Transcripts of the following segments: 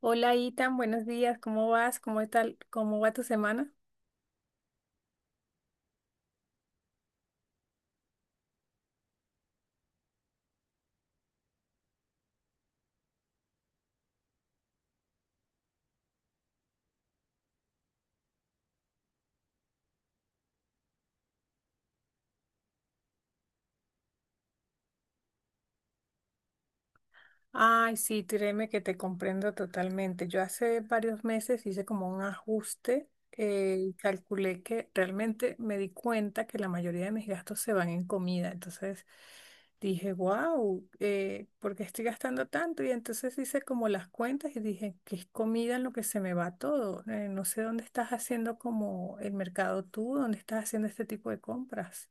Hola, Itan, buenos días, ¿cómo vas? ¿Cómo tal? ¿Cómo va tu semana? Ay, sí, créeme que te comprendo totalmente. Yo hace varios meses hice como un ajuste, y calculé que realmente me di cuenta que la mayoría de mis gastos se van en comida. Entonces dije, wow, ¿por qué estoy gastando tanto? Y entonces hice como las cuentas y dije, que es comida en lo que se me va todo. No sé dónde estás haciendo como el mercado tú, dónde estás haciendo este tipo de compras.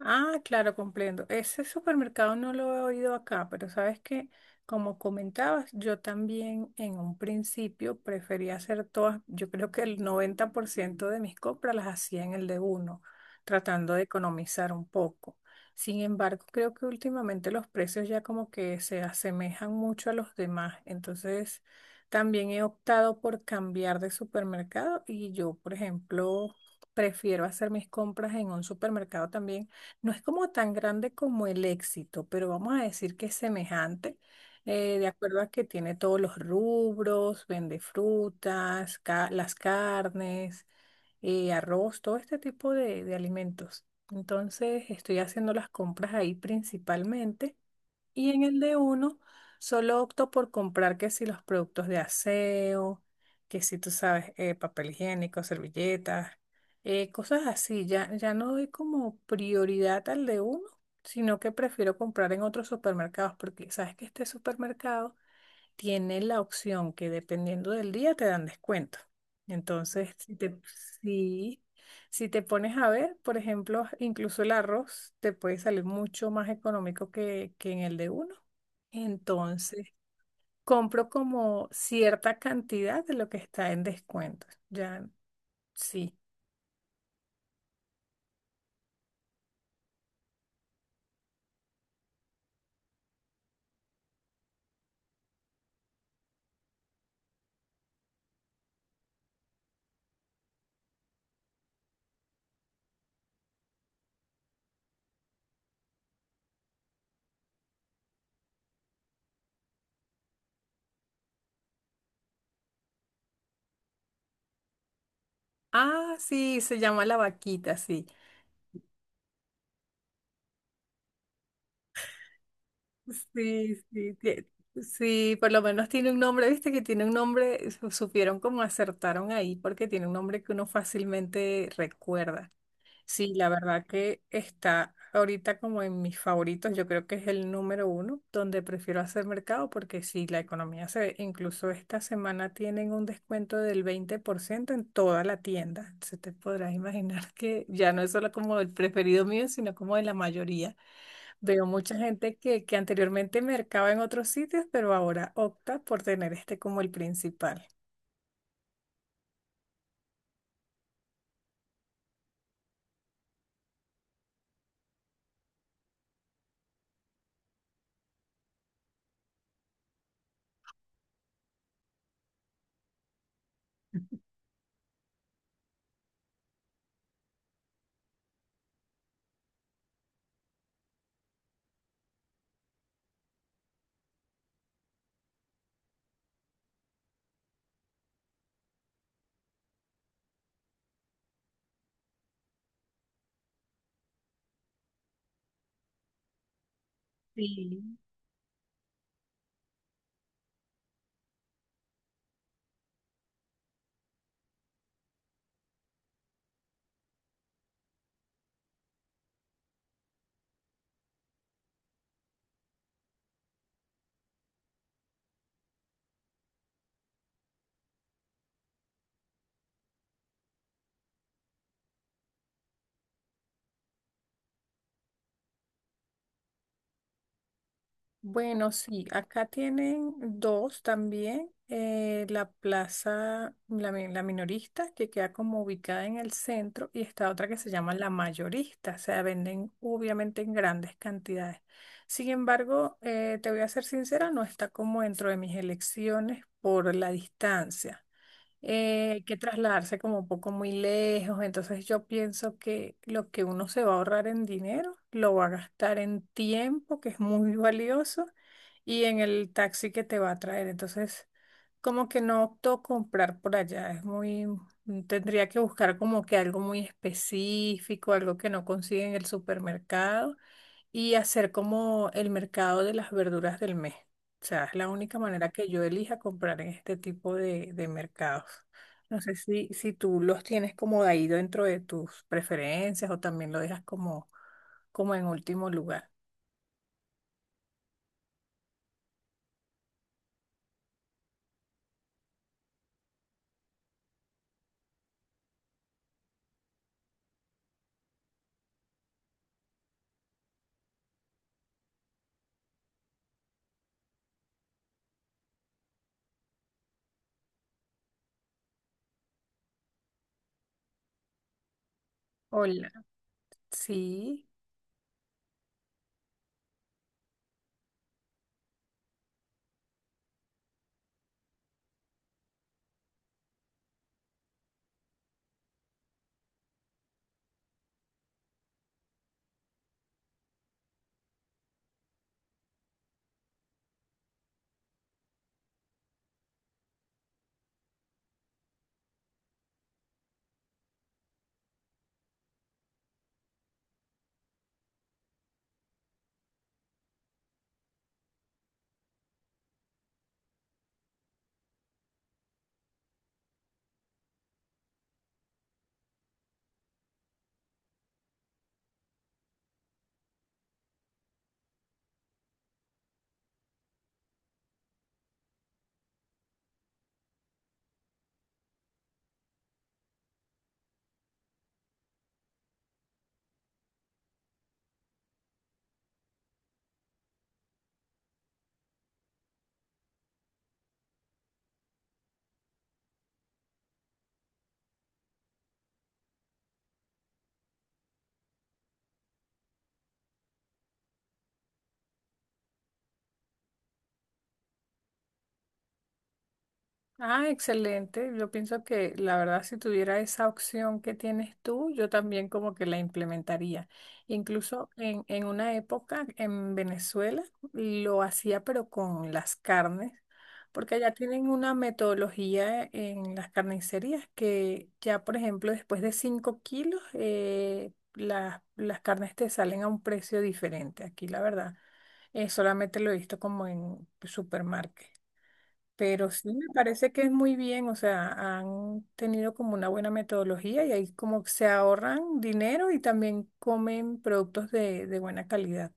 Ah, claro, comprendo. Ese supermercado no lo he oído acá, pero sabes que, como comentabas, yo también en un principio prefería hacer todas, yo creo que el 90% de mis compras las hacía en el de uno, tratando de economizar un poco. Sin embargo, creo que últimamente los precios ya como que se asemejan mucho a los demás, entonces también he optado por cambiar de supermercado y yo, por ejemplo, prefiero hacer mis compras en un supermercado también, no es como tan grande como el éxito, pero vamos a decir que es semejante, de acuerdo a que tiene todos los rubros, vende frutas, las carnes, arroz, todo este tipo de alimentos. Entonces estoy haciendo las compras ahí principalmente. Y en el de uno, solo opto por comprar que si los productos de aseo, que si tú sabes, papel higiénico, servilletas, cosas así. Ya, ya no doy como prioridad al de uno, sino que prefiero comprar en otros supermercados, porque sabes que este supermercado tiene la opción que dependiendo del día te dan descuento. Entonces, si, si te pones a ver, por ejemplo, incluso el arroz te puede salir mucho más económico que en el de uno. Entonces, compro como cierta cantidad de lo que está en descuento. Ya, sí. Ah, sí, se llama la vaquita, sí. Sí, sí, sí, por lo menos tiene un nombre, viste que tiene un nombre, supieron cómo acertaron ahí, porque tiene un nombre que uno fácilmente recuerda. Sí, la verdad que está ahorita como en mis favoritos, yo creo que es el número uno donde prefiero hacer mercado, porque sí, la economía se, incluso esta semana tienen un descuento del 20% en toda la tienda. Se te podrás imaginar que ya no es solo como el preferido mío, sino como de la mayoría. Veo mucha gente que anteriormente mercaba en otros sitios, pero ahora opta por tener este como el principal. Sí. Bueno, sí, acá tienen dos también. La plaza, la minorista, que queda como ubicada en el centro, y está otra que se llama la mayorista, o sea, venden obviamente en grandes cantidades. Sin embargo, te voy a ser sincera, no está como dentro de mis elecciones por la distancia. Hay que trasladarse como un poco muy lejos, entonces yo pienso que lo que uno se va a ahorrar en dinero, lo va a gastar en tiempo, que es muy valioso, y en el taxi que te va a traer. Entonces, como que no opto comprar por allá, es muy, tendría que buscar como que algo muy específico, algo que no consigue en el supermercado y hacer como el mercado de las verduras del mes. O sea, es la única manera que yo elija comprar en este tipo de mercados. No sé si, si tú los tienes como de ahí dentro de tus preferencias o también lo dejas como, como en último lugar. Hola, sí. Ah, excelente. Yo pienso que la verdad, si tuviera esa opción que tienes tú, yo también como que la implementaría. Incluso en una época en Venezuela lo hacía, pero con las carnes, porque allá tienen una metodología en las carnicerías que ya, por ejemplo, después de 5 kilos, las carnes te salen a un precio diferente. Aquí, la verdad, solamente lo he visto como en supermarket. Pero sí me parece que es muy bien, o sea, han tenido como una buena metodología y ahí como se ahorran dinero y también comen productos de buena calidad.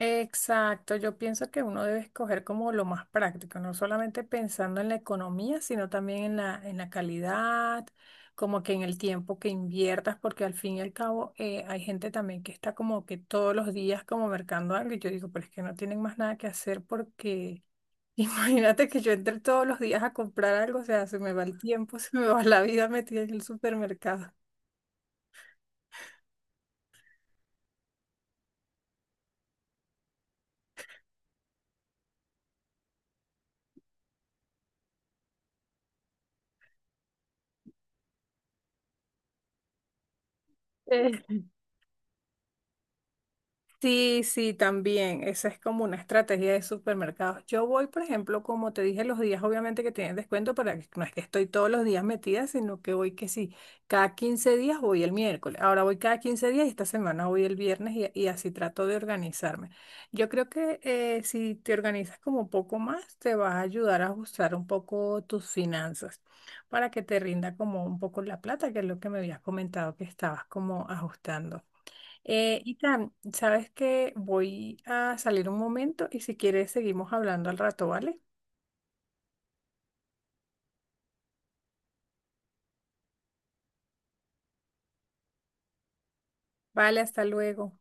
Exacto, yo pienso que uno debe escoger como lo más práctico, no solamente pensando en la economía, sino también en en la calidad, como que en el tiempo que inviertas, porque al fin y al cabo hay gente también que está como que todos los días como mercando algo y yo digo, pero es que no tienen más nada que hacer porque imagínate que yo entre todos los días a comprar algo, o sea, se me va el tiempo, se me va la vida metida en el supermercado. Sí, sí, también. Esa es como una estrategia de supermercados. Yo voy, por ejemplo, como te dije, los días obviamente que tienen descuento, para que no es que estoy todos los días metida, sino que voy que sí, cada 15 días voy el miércoles. Ahora voy cada 15 días y esta semana voy el viernes y así trato de organizarme. Yo creo que si te organizas como un poco más, te vas a ayudar a ajustar un poco tus finanzas para que te rinda como un poco la plata, que es lo que me habías comentado que estabas como ajustando. Itan, sabes que voy a salir un momento y si quieres seguimos hablando al rato, ¿vale? Vale, hasta luego.